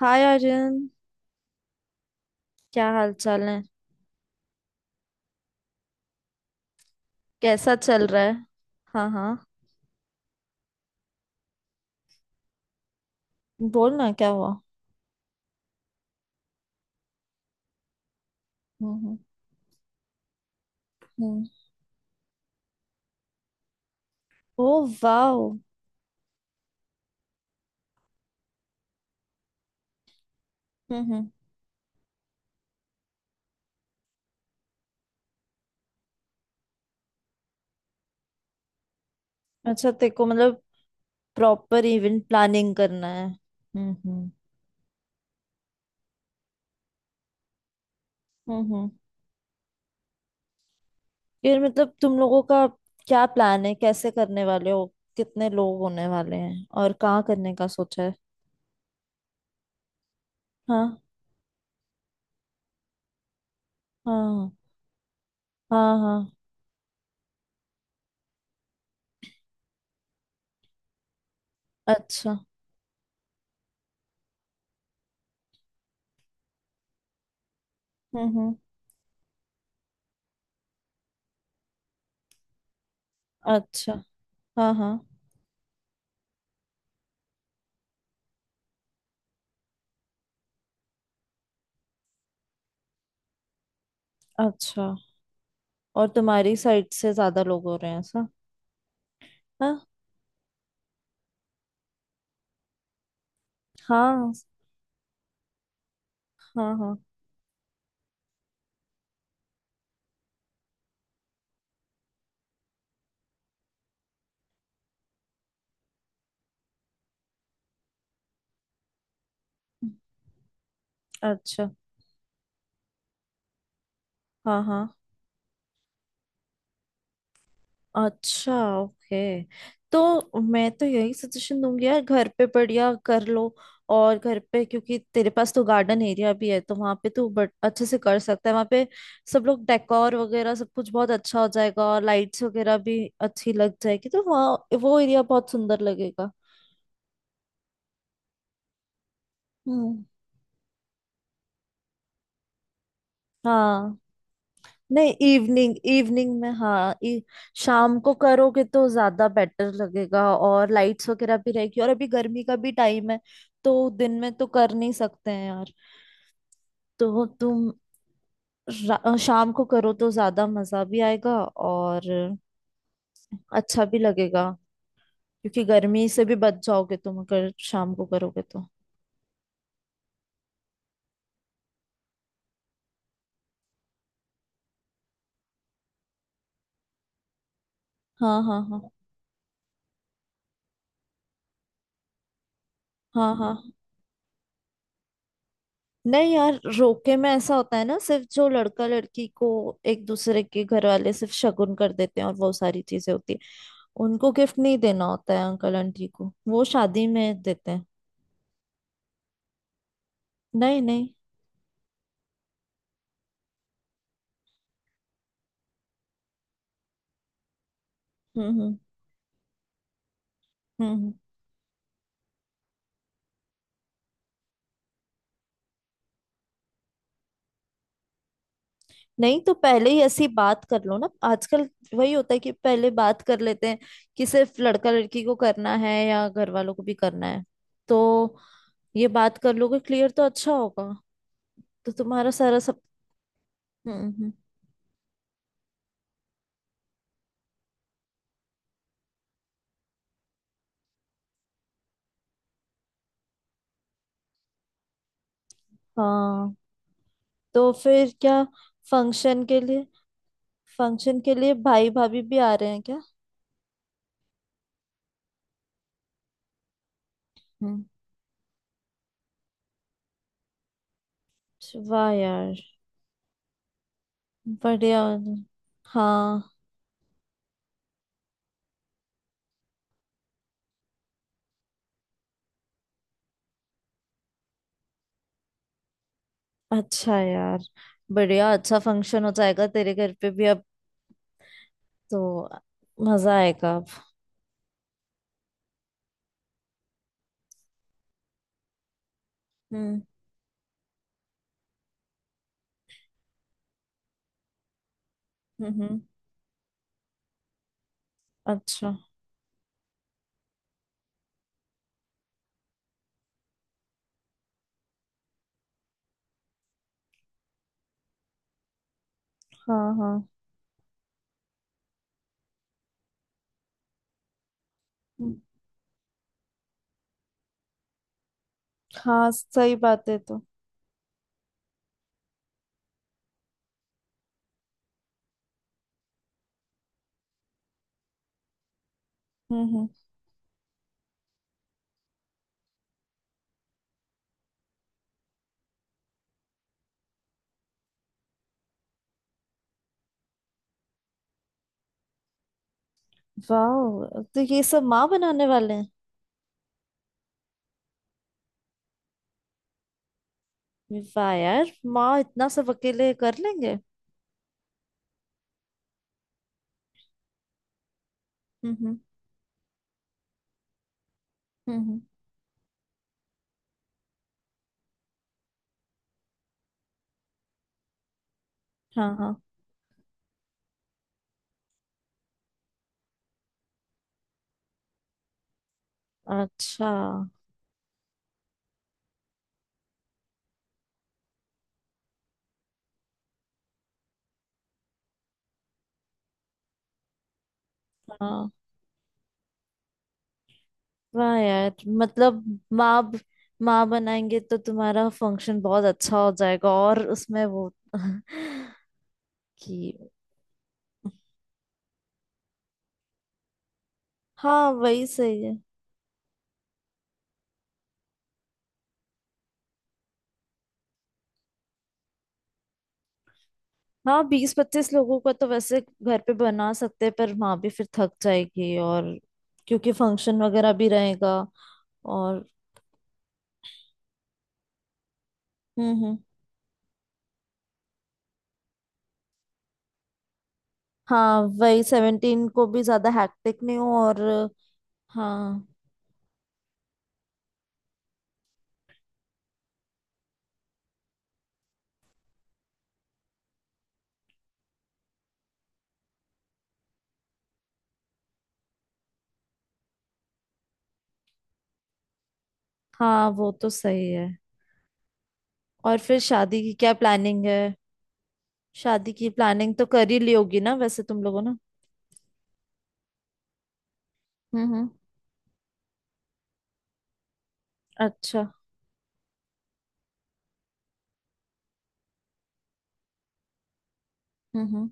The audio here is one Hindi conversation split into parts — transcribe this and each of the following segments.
हाय अर्जुन। क्या हाल चाल है? कैसा चल रहा है? हाँ हाँ। बोल ना, क्या हुआ? हम्म हम्म हम्म। ओ वाह हम्म। हम्म। अच्छा, तेरे को मतलब प्रॉपर इवेंट प्लानिंग करना है। हम्म हम्म। फिर मतलब तुम लोगों का क्या प्लान है? कैसे करने वाले हो? कितने लोग होने वाले हैं और कहाँ करने का सोचा है? हाँ हाँ हाँ हाँ। अच्छा। हम्म। अच्छा। हाँ हाँ। अच्छा, और तुम्हारी साइड से ज्यादा लोग हो रहे हैं ऐसा? हाँ। हाँ हाँ हाँ। अच्छा। हाँ हाँ। अच्छा, ओके, तो मैं तो यही सजेशन दूंगी यार, घर पे बढ़िया कर लो। और घर पे, क्योंकि तेरे पास तो गार्डन एरिया भी है, तो वहाँ पे तू बट अच्छे से कर सकता है वहाँ पे। सब लोग, डेकोर वगैरह सब कुछ बहुत अच्छा हो जाएगा, और लाइट्स वगैरह भी अच्छी लग जाएगी, तो वहाँ वो एरिया बहुत सुंदर लगेगा। हम्म। हाँ नहीं, इवनिंग, इवनिंग में हाँ। शाम को करोगे तो ज्यादा बेटर लगेगा, और लाइट्स वगैरह भी रहेगी, और अभी गर्मी का भी टाइम है। तो दिन में तो कर नहीं सकते हैं यार। तो तुम शाम को करो तो ज्यादा मजा भी आएगा और अच्छा भी लगेगा, क्योंकि गर्मी से भी बच जाओगे तुम अगर शाम को करोगे तो। हाँ हाँ हाँ हाँ हाँ। नहीं यार, रोके में ऐसा होता है ना, सिर्फ जो लड़का लड़की को एक दूसरे के घर वाले सिर्फ शगुन कर देते हैं, और वो सारी चीजें होती है। उनको गिफ्ट नहीं देना होता है, अंकल आंटी को वो शादी में देते हैं। नहीं नहीं। हम्म हम्म हम्म हम्म। नहीं तो पहले ही ऐसी बात कर लो ना, आजकल वही होता है कि पहले बात कर लेते हैं, कि सिर्फ लड़का लड़की को करना है या घर वालों को भी करना है। तो ये बात कर लोगे क्लियर तो अच्छा होगा। तो तुम्हारा सारा सब। हम्म हम्म। हाँ, तो फिर क्या? फंक्शन के लिए फंक्शन के लिए भाई भाभी भी आ रहे हैं क्या? हम्म। वाह यार, बढ़िया। हाँ अच्छा यार, बढ़िया। अच्छा फंक्शन हो जाएगा तेरे घर पे भी अब। तो मजा आएगा अब। हम्म हम्म। अच्छा। हाँ हाँ। हम्म। हाँ सही बात है तो। हम्म। वाह, तो ये सब माँ बनाने वाले हैं? वाह यार, माँ इतना सब अकेले कर लेंगे? हम्म हम्म हम्म हम्म। हाँ हाँ। अच्छा। हाँ वाह यार, मतलब माँ ब- माँ बनाएंगे तो तुम्हारा फंक्शन बहुत अच्छा हो जाएगा, और उसमें वो कि। हाँ वही सही है। हाँ, 20-25 लोगों का तो वैसे घर पे बना सकते हैं, पर माँ भी फिर थक जाएगी, और क्योंकि फंक्शन वगैरह भी रहेगा, और हम्म। हाँ, वही 17 को भी ज्यादा हैक्टिक नहीं हो, और हाँ हाँ, वो तो सही है। और फिर शादी की क्या प्लानिंग है? शादी की प्लानिंग तो कर ही ली होगी ना वैसे तुम लोगों ने? हम्म। अच्छा। हम्म।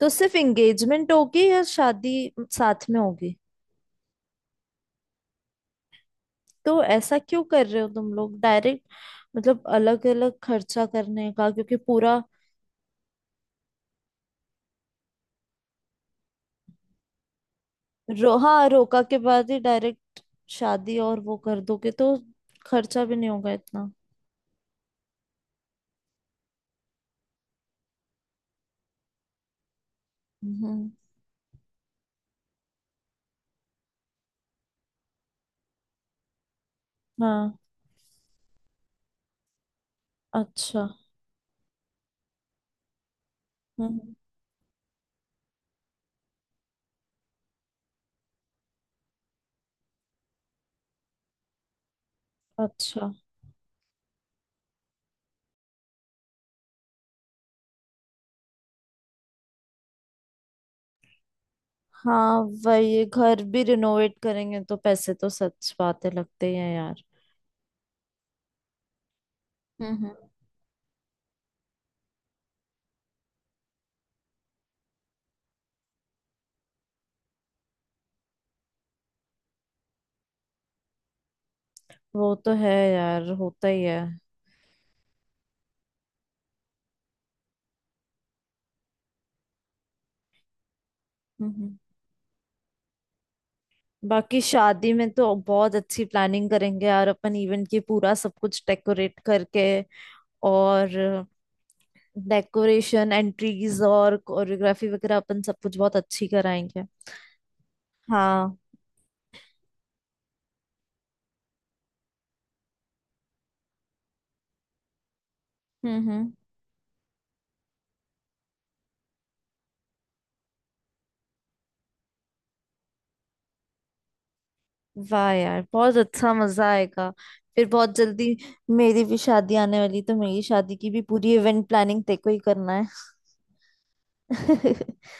तो सिर्फ एंगेजमेंट होगी या शादी साथ में होगी? तो ऐसा क्यों कर रहे हो तुम लोग डायरेक्ट? मतलब अलग अलग खर्चा करने का, क्योंकि पूरा रो हाँ, रोका के बाद ही डायरेक्ट शादी और वो कर दोगे तो खर्चा भी नहीं होगा इतना। हम्म। हाँ। अच्छा। हम्म। अच्छा। हाँ वही, घर भी रिनोवेट करेंगे तो पैसे तो सच बातें लगते ही हैं यार। हम्म। वो तो है यार, होता ही है। हम्म। बाकी शादी में तो बहुत अच्छी प्लानिंग करेंगे यार अपन, इवेंट की पूरा सब कुछ डेकोरेट करके, और डेकोरेशन, एंट्रीज और कोरियोग्राफी वगैरह अपन सब कुछ बहुत अच्छी कराएंगे। हाँ। हम्म हम्म। वाह यार, बहुत अच्छा मजा आएगा। फिर बहुत जल्दी मेरी भी शादी आने वाली, तो मेरी शादी की भी पूरी इवेंट प्लानिंग तेको ही करना है।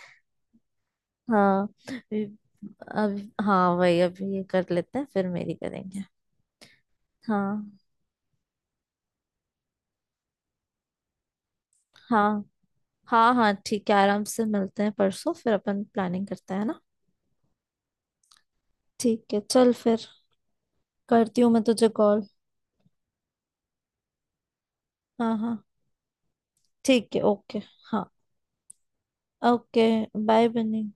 हाँ, ये- अब, हाँ वही, अब ये कर लेते हैं फिर मेरी करेंगे। हाँ हाँ। हाँ हाँ, ठीक है, आराम से मिलते हैं परसों, फिर अपन प्लानिंग करते हैं ना। ठीक है, चल फिर, करती हूँ मैं तुझे कॉल। हाँ हाँ, ठीक है, ओके। हाँ, ओके, बाय बनी।